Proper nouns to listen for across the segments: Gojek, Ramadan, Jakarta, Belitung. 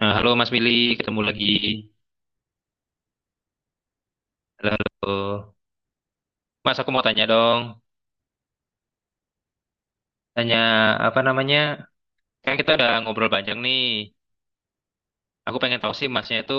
Nah, halo Mas Willy, ketemu lagi. Halo, halo. Mas, aku mau tanya dong. Tanya apa namanya? Kan kita udah ngobrol panjang nih. Aku pengen tahu sih Masnya itu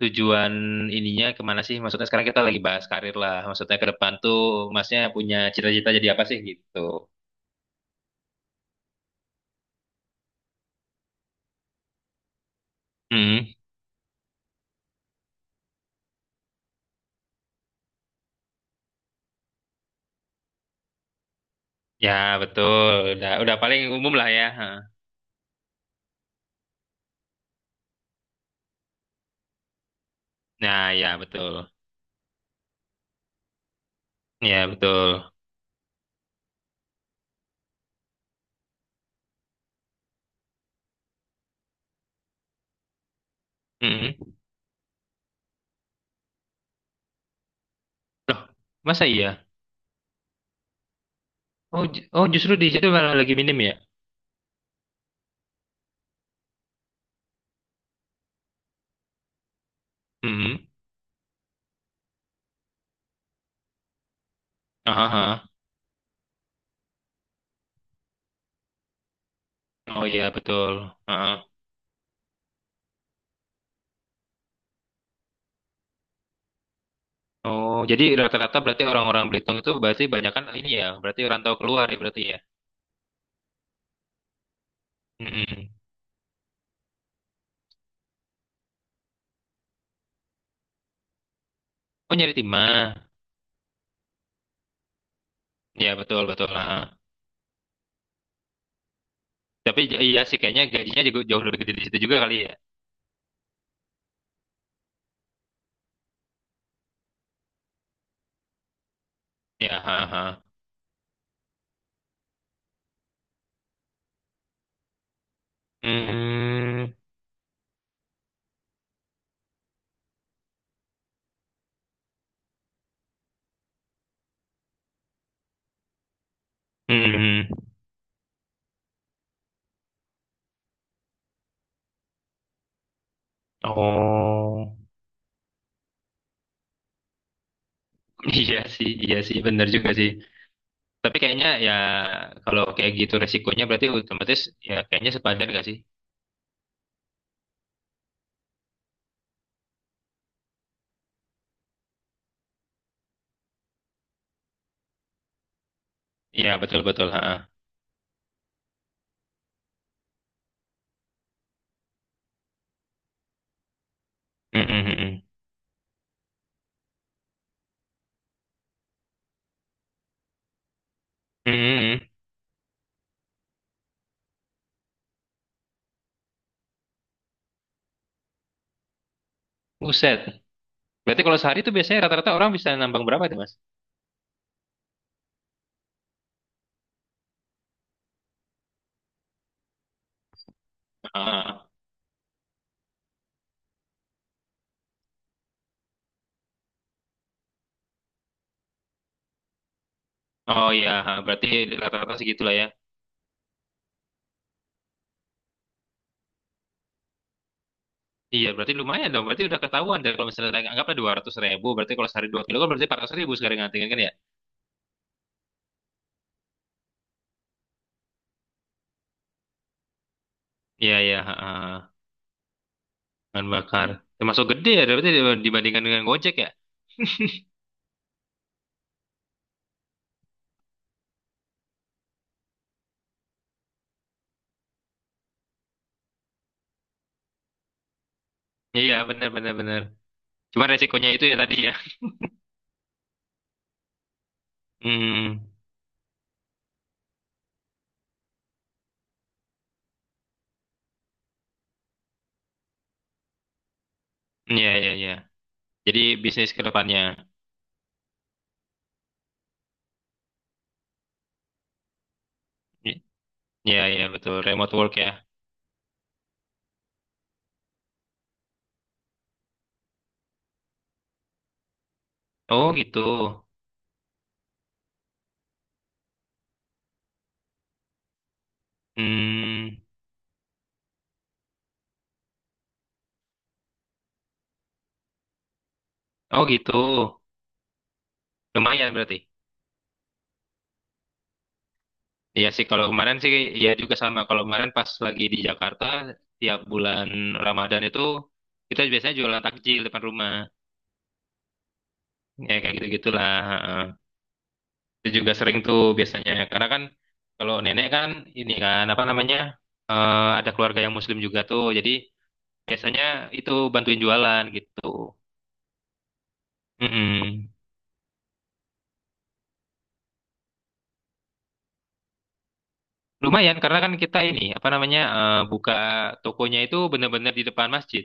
tujuan ininya kemana sih? Maksudnya sekarang kita lagi bahas karir lah. Maksudnya ke depan tuh Masnya punya cita-cita jadi apa sih gitu? Hmm, ya betul. Udah paling umum lah ya. Hah. Nah, ya betul. Ya betul. Hmm. Loh, masa iya? Oh, justru di situ malah lagi minim ya? Hmm. Oh iya betul. Heeh. Oh, jadi rata-rata berarti orang-orang Belitung itu berarti banyak kan ini ya. Berarti rantau keluar ya berarti ya. Mm-mm. Oh, nyari timah. Ya betul betul. Heeh. Tapi iya sih kayaknya gajinya juga jauh lebih gede di situ juga kali ya. Ya. Heeh. Hmm. Hmm. Oh iya sih bener juga sih. Tapi kayaknya ya kalau kayak gitu resikonya berarti otomatis ya kayaknya sepadan gak sih? Ya betul betul. Ha. Hmm hmm. Mm. Buset. Berarti kalau sehari itu biasanya rata-rata orang bisa nambang berapa tuh, Mas? Ah, oh iya, berarti rata-rata segitulah ya. Iya, berarti lumayan dong. Berarti udah ketahuan dari kalau misalnya anggaplah 200.000, berarti kalau sehari 2 kilo kan berarti 400.000 sekarang ngantengin kan ya? Iya iya, ah, bahan bakar. Termasuk gede ya, berarti dibandingkan dengan Gojek ya? Iya, benar benar benar. Cuma resikonya itu ya tadi ya. Hmm, iya iya iya. Jadi bisnis ke depannya. I- Iya iya betul, remote work ya. Oh gitu. Hmm, oh gitu. Lumayan berarti. Iya sih kalau kemarin sih ya juga sama. Kalau kemarin pas lagi di Jakarta tiap bulan Ramadan itu kita biasanya jualan takjil depan rumah. Ya kayak gitu-gitulah. Heeh. Itu juga sering tuh biasanya. Karena kan kalau nenek kan ini kan apa namanya? Ada keluarga yang muslim juga tuh. Jadi biasanya itu bantuin jualan gitu. Mm-mm. Lumayan karena kan kita ini apa namanya? Buka tokonya itu benar-benar di depan masjid.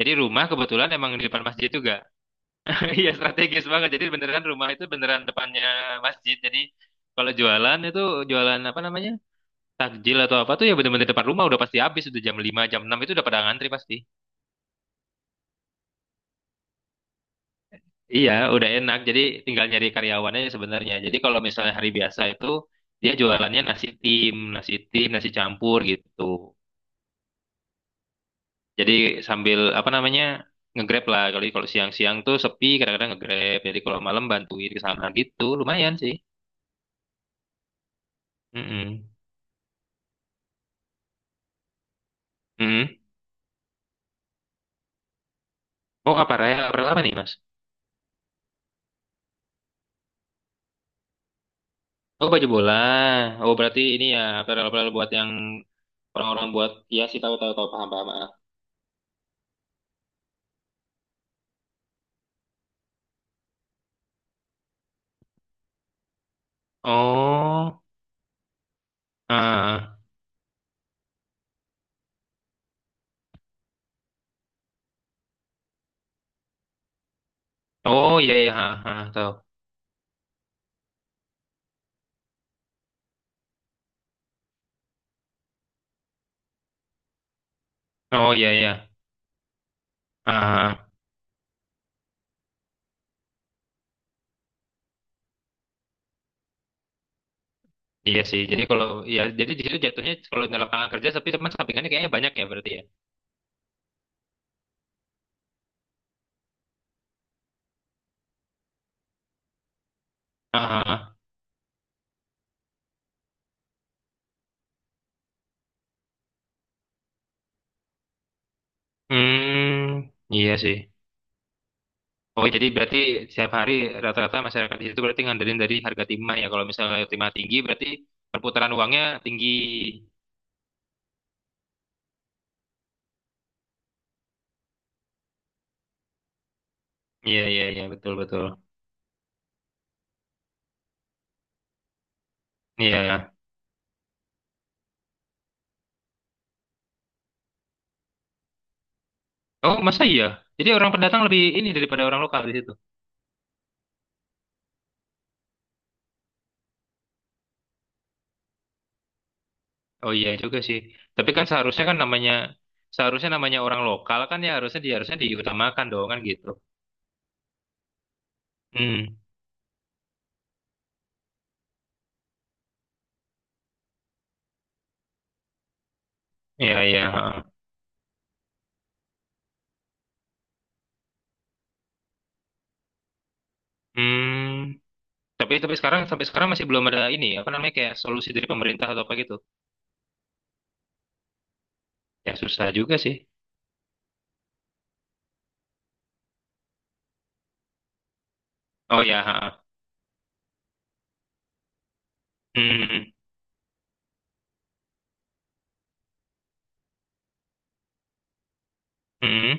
Jadi rumah kebetulan emang di depan masjid juga. Iya strategis banget. Jadi beneran rumah itu beneran depannya masjid. Jadi kalau jualan itu jualan apa namanya? Takjil atau apa tuh ya bener-bener depan rumah udah pasti habis udah jam 5 jam 6 itu udah pada ngantri pasti. Iya, udah enak. Jadi tinggal nyari karyawannya sebenarnya. Jadi kalau misalnya hari biasa itu dia jualannya nasi tim, nasi tim, nasi campur gitu. Jadi sambil apa namanya? Ngegrab lah kalau kalau siang-siang tuh sepi kadang-kadang ngegrab. Jadi kalau malam bantuin ke sana gitu. Lumayan sih. Mm. Oh, apa Aparel apa nih, Mas? Oh, baju bola. Oh, berarti ini ya aparel-aparel buat yang orang-orang buat ya sih tahu-tahu tahu tahu, tahu, paham paham. Ah. Oh, ah, ah. Oh iya iya, ah, ah, ah. Tahu. Oh iya iya, ah, ah. Ah. Iya sih. Jadi kalau ya, jadi di situ jatuhnya kalau di lapangan kerja, tapi teman sampingannya kayaknya banyak ya berarti ya. Ah, ah, ah. Hmm, iya sih. Oh, jadi berarti setiap hari rata-rata masyarakat di situ berarti ngandelin dari harga timah ya. Kalau misalnya timah tinggi, berarti perputaran uangnya tinggi. Iya, iya, iya, betul, betul. Iya. Iya. Oh, masa iya? Jadi orang pendatang lebih ini daripada orang lokal di situ. Oh iya juga sih. Tapi kan seharusnya kan namanya seharusnya namanya orang lokal kan ya harusnya dia harusnya diutamakan dong kan gitu. Hmm. Iya, iya. Heeh. Hmm. Tapi sekarang sampai sekarang masih belum ada ini apa namanya kayak solusi dari pemerintah atau apa gitu. Ya susah juga sih. Oh ya. Heeh. Hmm. Hmm. Hmm. Hmm.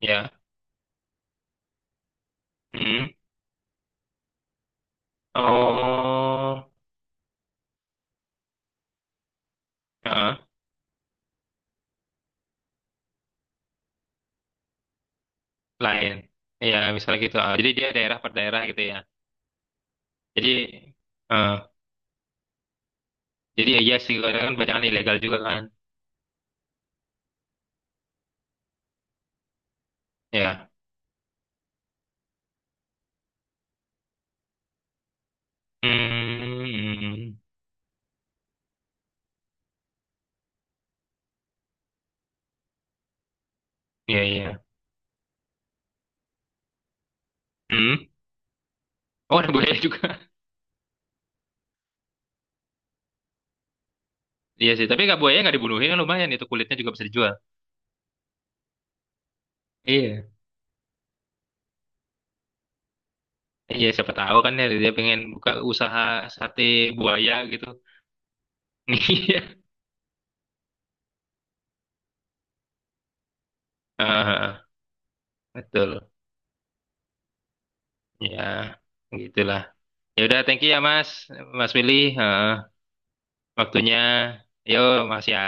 Ya. Hmm. Oh. Heeh. Lain. Iya, misalnya gitu. Ah, jadi dia daerah per daerah gitu ya. Jadi, eh, jadi ya iya sih karena kan bacaan ilegal juga kan. Ya. Hmm, iya iya. Hmm. Oh, ada buaya juga. Iya sih, tapi nggak buaya nggak dibunuhin kan lumayan itu kulitnya juga bisa dijual. Iya. Iya, siapa tahu kan ya dia pengen buka usaha sate buaya gitu. Iya. Ah, betul. Ya, gitulah. Ya udah, thank you ya Mas, Mas Willy. Ah, waktunya. Yo, Mas ya.